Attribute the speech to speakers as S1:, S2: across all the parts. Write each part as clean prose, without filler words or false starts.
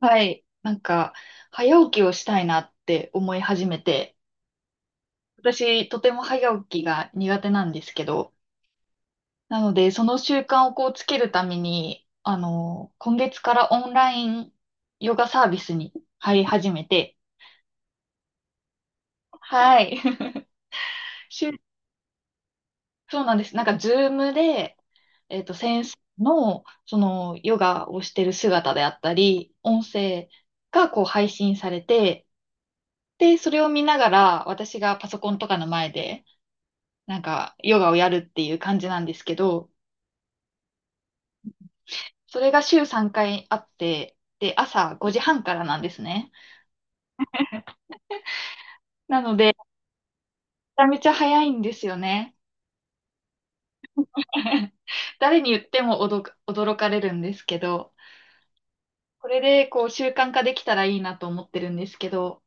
S1: はい。なんか、早起きをしたいなって思い始めて、私、とても早起きが苦手なんですけど、なので、その習慣をこうつけるために、今月からオンラインヨガサービスに入り始めて、はい。週そうなんです。なんか、ズームで、先生の、その、ヨガをしてる姿であったり、音声がこう配信されて、で、それを見ながら、私がパソコンとかの前で、なんか、ヨガをやるっていう感じなんですけど、それが週3回あって、で、朝5時半からなんですね。なので、めちゃめちゃ早いんですよね。誰に言っても驚かれるんですけど、これでこう習慣化できたらいいなと思ってるんですけど、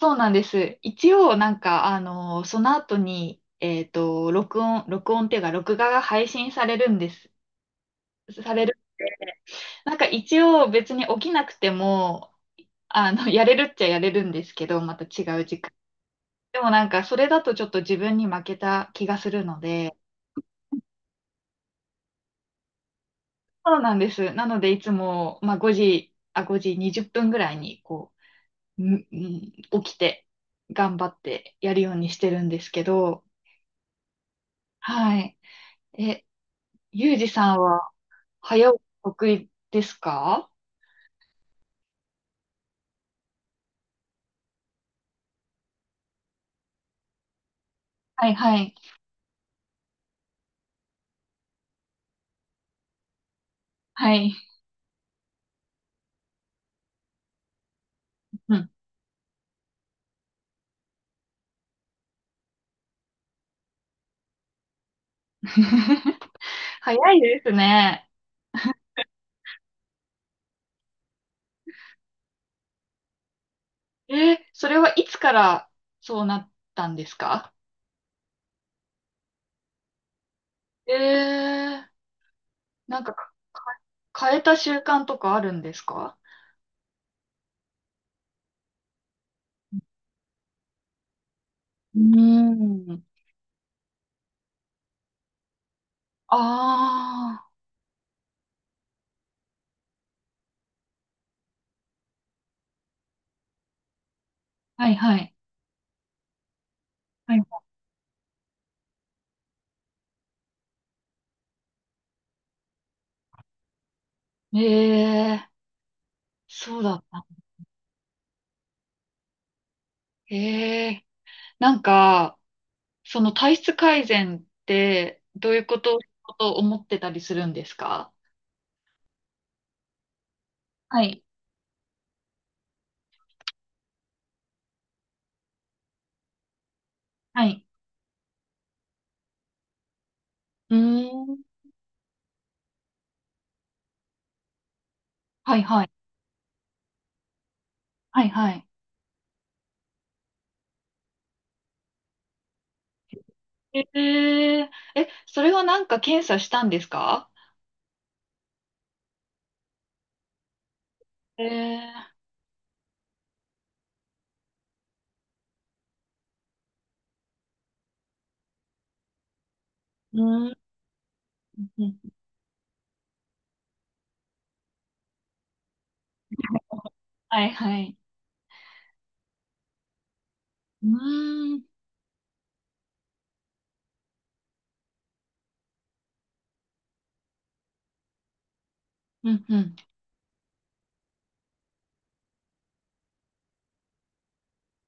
S1: そうなんです。一応、なんか、その後に、録音っていうか、録画が配信されるんです。されるんで、なんか一応別に起きなくても、やれるっちゃやれるんですけど、また違う時間。でもなんか、それだとちょっと自分に負けた気がするので、そうなんです。なので、いつも、まあ、5時20分ぐらいに、こう、起きて、頑張ってやるようにしてるんですけど、はい。え、ゆうじさんは、早起き得意ですか？はい、はい、はい。うん。 早いですね。え、それはいつからそうなったんですか？ええ、なんか変えた習慣とかあるんですか？うーん。ああ、はいはい。はい。ええ、そうだった。ええ、なんか、その体質改善ってどういうことと思ってたりするんですか？はい。はい。うーん。はいはい。はいはい。えええ、それはなんか検査したんですか？ええ。うーん。はいはい。うーん。うんうん。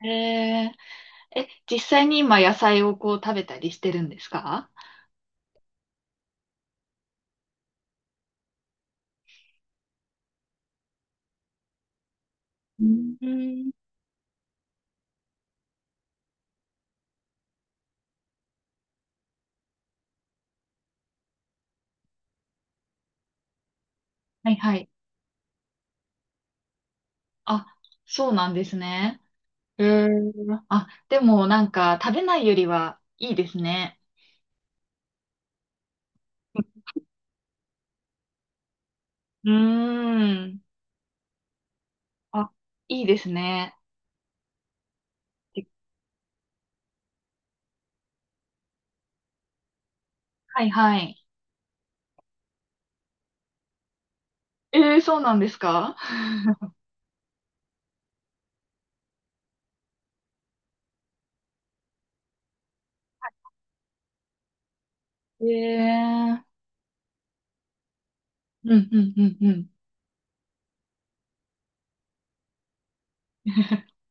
S1: ええ、実際に今野菜をこう食べたりしてるんですか？うん。はいはい。あ、そうなんですね。うーあ、でもなんか食べないよりはいいですね。うーん。あ、いいですね。はいはい。えー、そうなんですか？ えー、うんうんうんうん。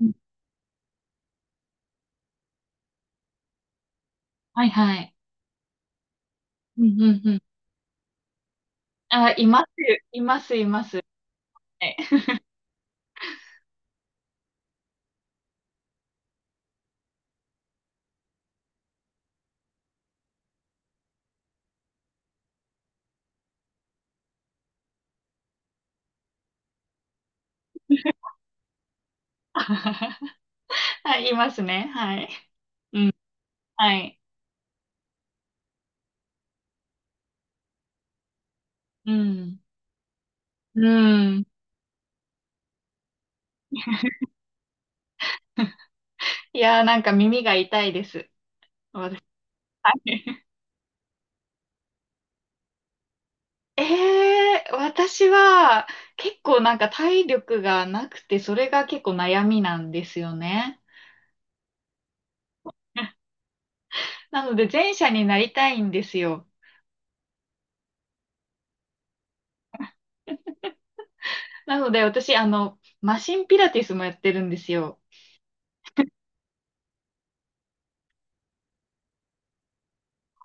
S1: うん。はいはい。うんうんうん。あ、います、います、います。はい。 はい、いますね。はい。はい。うん。うん。いやー、なんか耳が痛いです。私。 えー、私は結構なんか体力がなくて、それが結構悩みなんですよね。なので前者になりたいんですよ。なので私、マシンピラティスもやってるんですよ。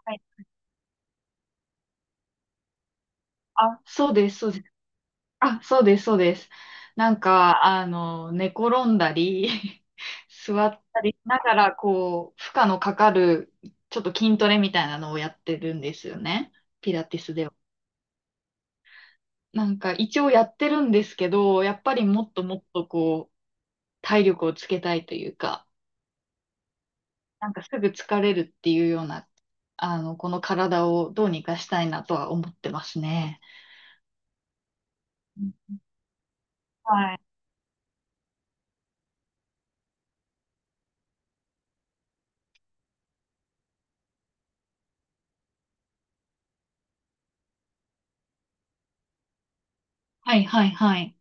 S1: はい。あ、そうです、そうです。あ、そうです、そうです。なんか、寝転んだり、座ったりしながら、こう、負荷のかかる、ちょっと筋トレみたいなのをやってるんですよね。ピラティスでは。なんか、一応やってるんですけど、やっぱりもっともっと、こう、体力をつけたいというか、なんかすぐ疲れるっていうような、この体をどうにかしたいなとは思ってますね。はい。はい、はい、はい。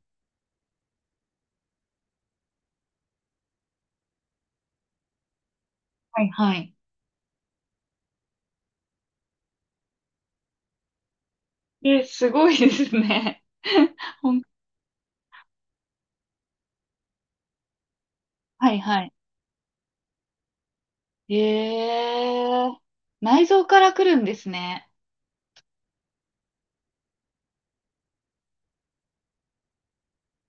S1: はい、はい。え、すごいですね。ほん、はいはい。えー、内臓から来るんですね。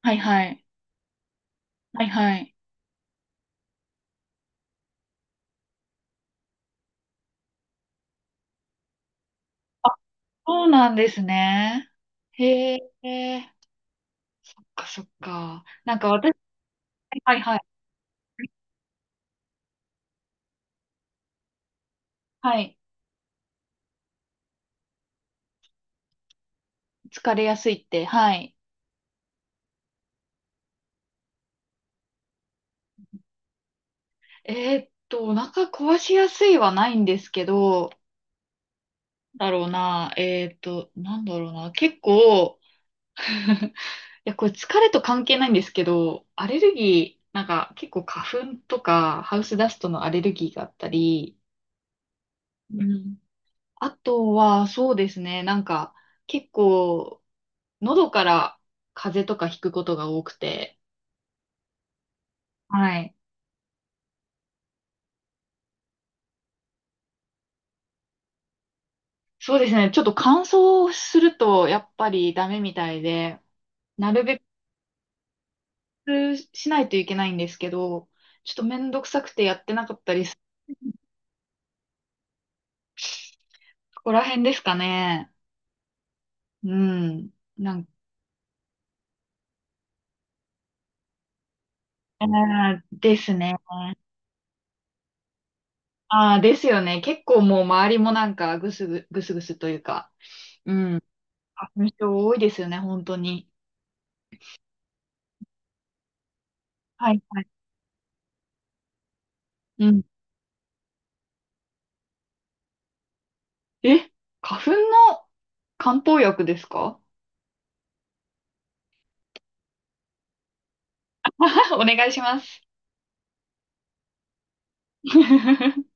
S1: はいはい。はいはい。あ、そうなんですね。へえ、そっかそっか。なんか私。はいはい。はい。疲れやすいって、はい。お腹壊しやすいはないんですけど、だろうな、なんだろうな、結構。や、これ疲れと関係ないんですけど、アレルギー、なんか結構花粉とかハウスダストのアレルギーがあったり、うん。あとはそうですね、なんか結構喉から風邪とかひくことが多くて、はい。そうですね、ちょっと乾燥するとやっぱりダメみたいで、なるべくしないといけないんですけど、ちょっとめんどくさくてやってなかったりす、ここら辺ですかね。うん。なんああ、ですね。ああ、ですよね。結構もう周りもなんかぐすぐすというか、うん。花粉症多いですよね、本当に。はいはい。うん。え、花粉の漢方薬ですか？ お願いします。